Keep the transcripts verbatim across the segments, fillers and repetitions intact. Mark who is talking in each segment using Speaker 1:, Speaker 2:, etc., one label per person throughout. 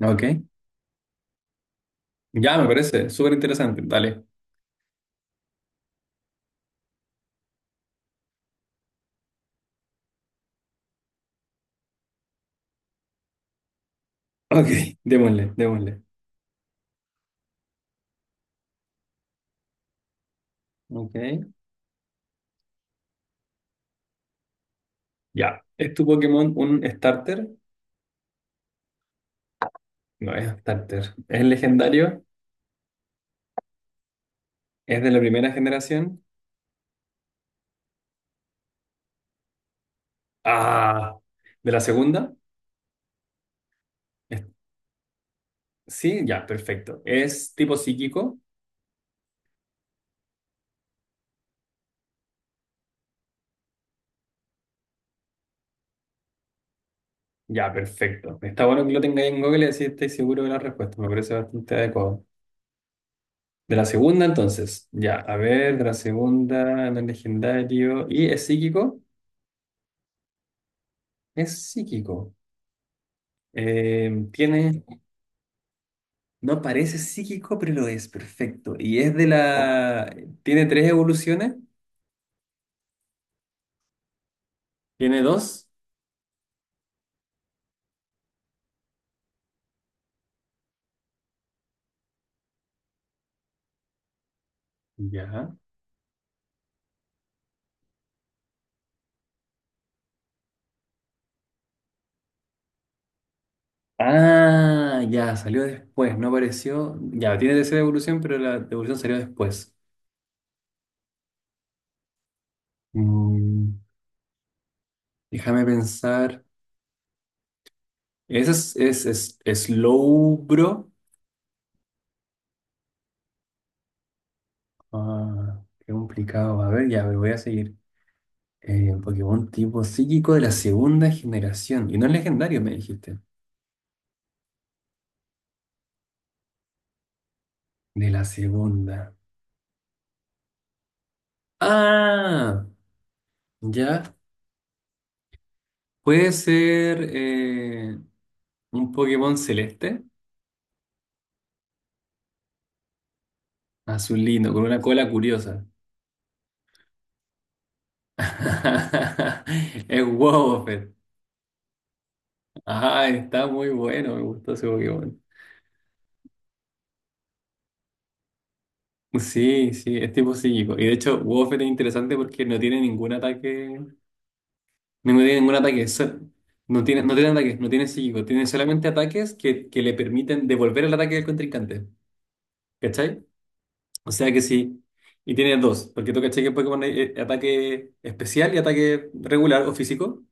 Speaker 1: Ok, ya me parece súper interesante. Dale. Ok, démosle, démosle. Ok. Ya. ¿Es tu Pokémon un starter? No es starter. ¿Es legendario? ¿Es de la primera generación? Ah, ¿de la segunda? Es- Sí, ya, perfecto. ¿Es tipo psíquico? Ya, perfecto. Está bueno que lo tengáis en Google y así estáis seguro de la respuesta. Me parece bastante adecuado. De la segunda, entonces. Ya, a ver, de la segunda, no es legendario. ¿Y es psíquico? Es psíquico. Eh, tiene, no parece psíquico, pero lo es, perfecto. Y es de la... ¿Tiene tres evoluciones? ¿Tiene dos? Ya. Ah, ya, salió después, no apareció. Ya, tiene tercera evolución, pero la evolución salió después. Mm, déjame pensar. Ese es, es, es, Slowbro. Ah, qué complicado. A ver, ya, pero voy a seguir. Eh, Pokémon tipo psíquico de la segunda generación. Y no es legendario, me dijiste. De la segunda. Ah, ya. Puede ser eh, un Pokémon celeste, azulino, con una cola curiosa. Es Wobbuffet. Ah, está muy bueno, me gustó ese Pokémon. Sí, sí, es tipo psíquico. Y de hecho, Wobbuffet es interesante porque no tiene ningún ataque. No tiene ningún ataque. so- No tiene, no tiene ataques, no tiene psíquico. Tiene solamente ataques que, que le permiten devolver el ataque del contrincante. ¿Cachai? O sea que sí. Y tiene dos, porque tú caché que en Pokémon hay eh, ataque especial y ataque regular o físico.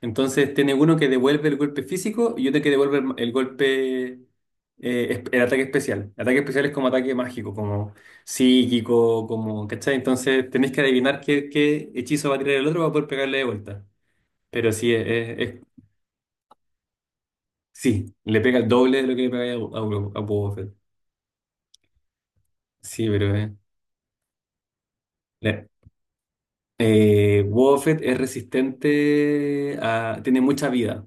Speaker 1: Entonces tiene uno que devuelve el golpe físico y otro que devuelve el, el golpe, eh, es- el ataque especial. El ataque especial es como ataque mágico, como psíquico, como, ¿cachai? Entonces tenés que adivinar qué, qué hechizo va a tirar el otro para poder pegarle de vuelta. Pero sí, es, es- es- sí, le pega el doble de lo que le pega a, a, a Boba Fett. Sí, pero eh, la, Eh, Buffett es resistente a... tiene mucha vida.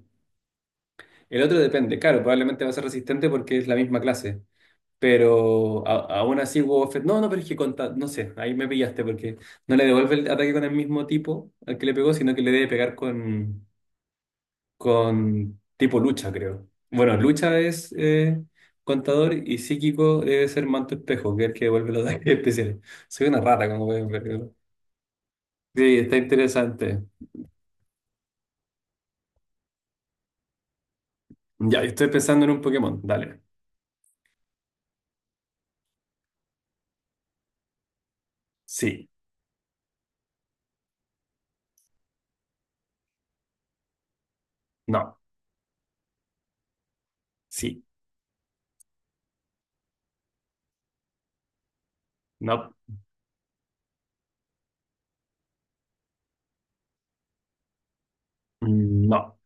Speaker 1: El otro depende, claro, probablemente va a ser resistente porque es la misma clase. Pero a- aún así Buffett... No, no, pero es que con ta- no sé, ahí me pillaste porque no le devuelve el ataque con el mismo tipo al que le pegó, sino que le debe pegar con, con tipo lucha, creo. Bueno, lucha es eh, contador y psíquico debe ser manto espejo, que es el que devuelve los ataques especiales. Soy una rata, como pueden ver. Sí, está interesante. Ya, estoy pensando en un Pokémon. Dale. Sí. No. Sí. No. Mm, no.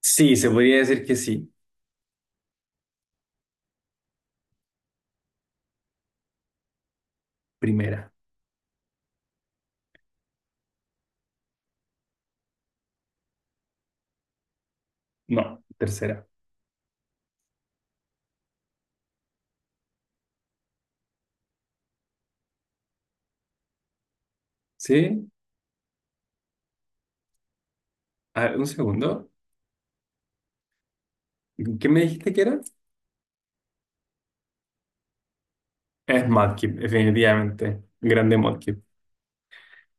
Speaker 1: Sí, se podría decir que sí. Primera. No. Tercera. ¿Sí? A ver, un segundo. ¿Qué me dijiste que era? Es Mudkip, definitivamente. Grande Mudkip.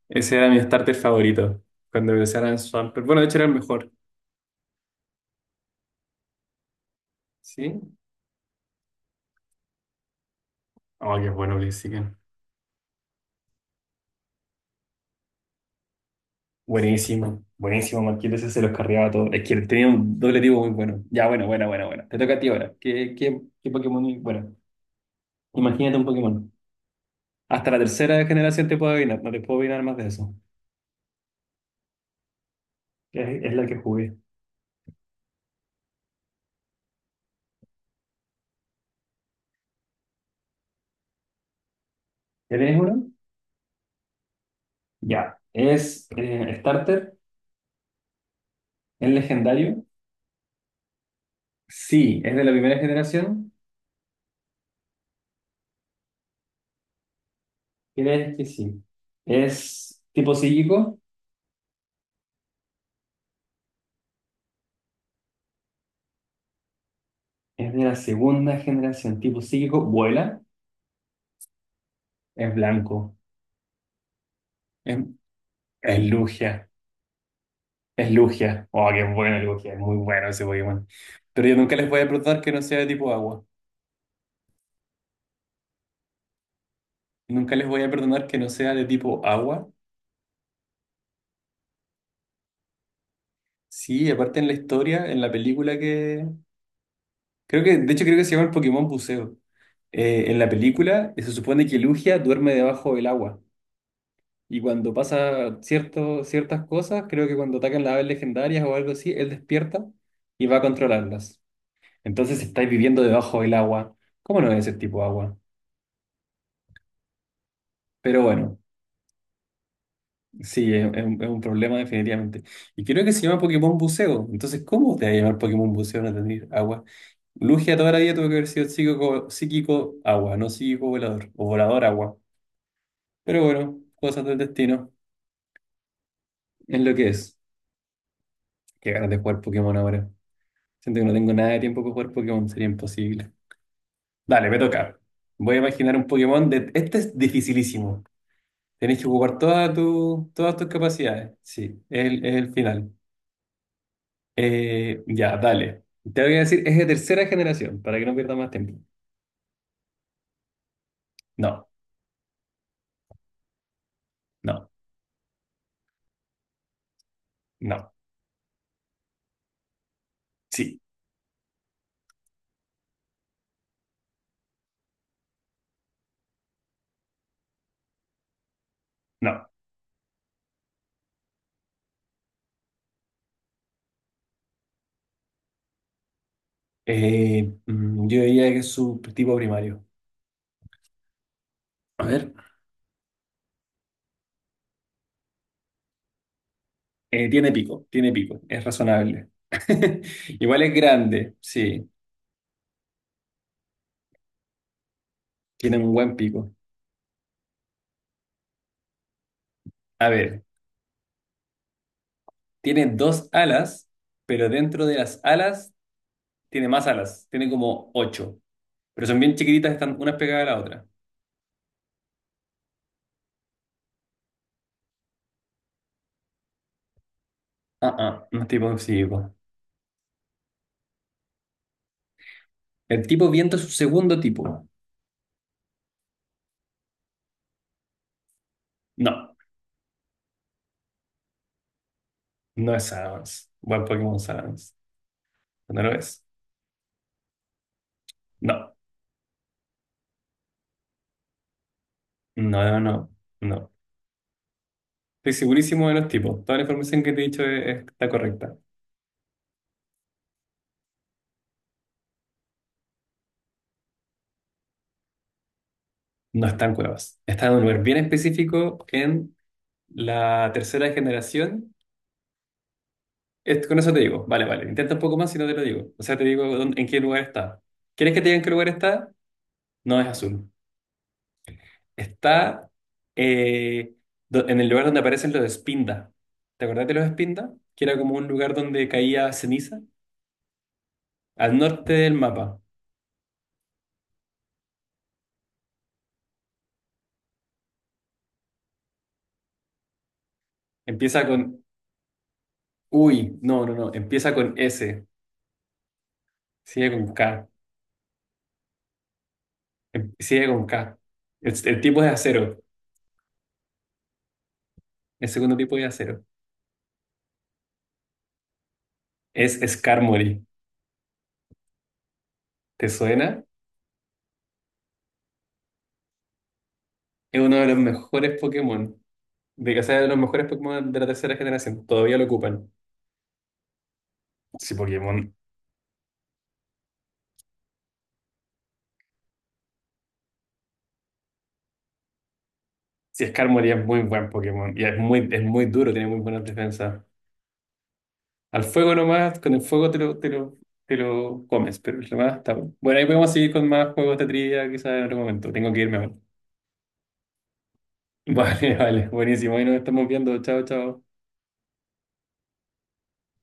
Speaker 1: Ese era mi starter favorito. Cuando empezara en Swampert. Bueno, de hecho era el mejor. ¿Sí? Oh, qué bueno Blaziken. Buenísimo. Buenísimo, Mudkip. Ese se los cargaba todo. Es que tenía un doble tipo muy bueno. Ya, bueno, bueno, bueno, bueno. Te toca a ti ahora. ¿Qué, qué, qué Pokémon? Bueno. Imagínate un Pokémon. Hasta la tercera generación te puedo adivinar, no te puedo adivinar más de eso. Es, es la que jugué. ¿Ya tienes uno? Ya. ¿Es eh, starter? ¿Es legendario? Sí. ¿Es de la primera generación? ¿Crees que sí? ¿Es tipo psíquico? ¿Es de la segunda generación? ¿Tipo psíquico? ¿Vuela? ¿Es blanco? ¿Es, es Lugia? ¿Es Lugia? Oh, qué bueno Lugia, es muy bueno ese Pokémon. Pero yo nunca les voy a perdonar que no sea de tipo agua. Nunca les voy a perdonar que no sea de tipo agua. Sí, aparte en la historia, en la película que... Creo que, de hecho creo que se llama el Pokémon Buceo. Eh, en la película eh, se supone que Lugia duerme debajo del agua. Y cuando pasa cierto, ciertas cosas, creo que cuando atacan las aves legendarias o algo así, él despierta y va a controlarlas. Entonces estáis viviendo debajo del agua. ¿Cómo no es ese tipo de agua? Pero bueno, sí, es, es un es un problema definitivamente. Y creo que se llama Pokémon Buceo. Entonces, ¿cómo te va a llamar Pokémon Buceo no tener agua? Lugia toda la vida tuvo que haber sido psíquico, psíquico agua, no psíquico volador, o volador agua. Pero bueno, cosas del destino, es lo que es. Qué ganas de jugar Pokémon ahora. Siento que no tengo nada de tiempo para jugar Pokémon, sería imposible. Dale, me toca. Voy a imaginar un Pokémon de... Este es dificilísimo. Tenés que jugar todas tu- todas tus capacidades. Sí, es el, es el final. Eh, ya, dale. Te voy a decir, es de tercera generación, para que no pierdas más tiempo. No, no, no. Sí, no. Eh, mm, yo diría que es su tipo primario. A ver. Eh, tiene pico, tiene pico, es razonable. Igual es grande, sí, tiene un buen pico. A ver, tiene dos alas, pero dentro de las alas tiene más alas, tiene como ocho, pero son bien chiquititas, están unas pegadas a la otra. Ah, ah, no es tipo psíquico. El tipo viento es su segundo tipo. No, no es Salamence. Buen Pokémon Salamence. ¿No lo es? No, no, no, no. Estoy segurísimo de los tipos. Toda la información que te he dicho es- está correcta. No están cuevas. Está en un lugar bien específico en la tercera generación. Es- con eso te digo. Vale, vale. Intenta un poco más si no te lo digo. O sea, te digo dónde- en qué lugar está. ¿Quieres que te diga en qué lugar está? No es azul. Está eh, do- en el lugar donde aparecen los Espinda. ¿Te acordás de los Espinda? Que era como un lugar donde caía ceniza. Al norte del mapa. Empieza con... Uy, no, no, no. Empieza con S. Sigue con K. Em- Sigue con K. Es- El, tipo es de acero. El segundo tipo es de acero. Es Skarmory. ¿Te suena? Es uno de los mejores Pokémon. De que sea de los mejores Pokémon de la tercera generación. Todavía lo ocupan. Sí, Pokémon. Sí, Skarmory es muy buen Pokémon. Y es muy, es muy duro, tiene muy buenas defensas. Al fuego nomás, con el fuego te lo, te lo, te lo comes, pero el demás está bueno. Bueno, ahí podemos seguir con más juegos de trivia quizás en otro momento. Tengo que irme ahora. Vale, vale, buenísimo. Ahí nos estamos viendo. Chao, chao.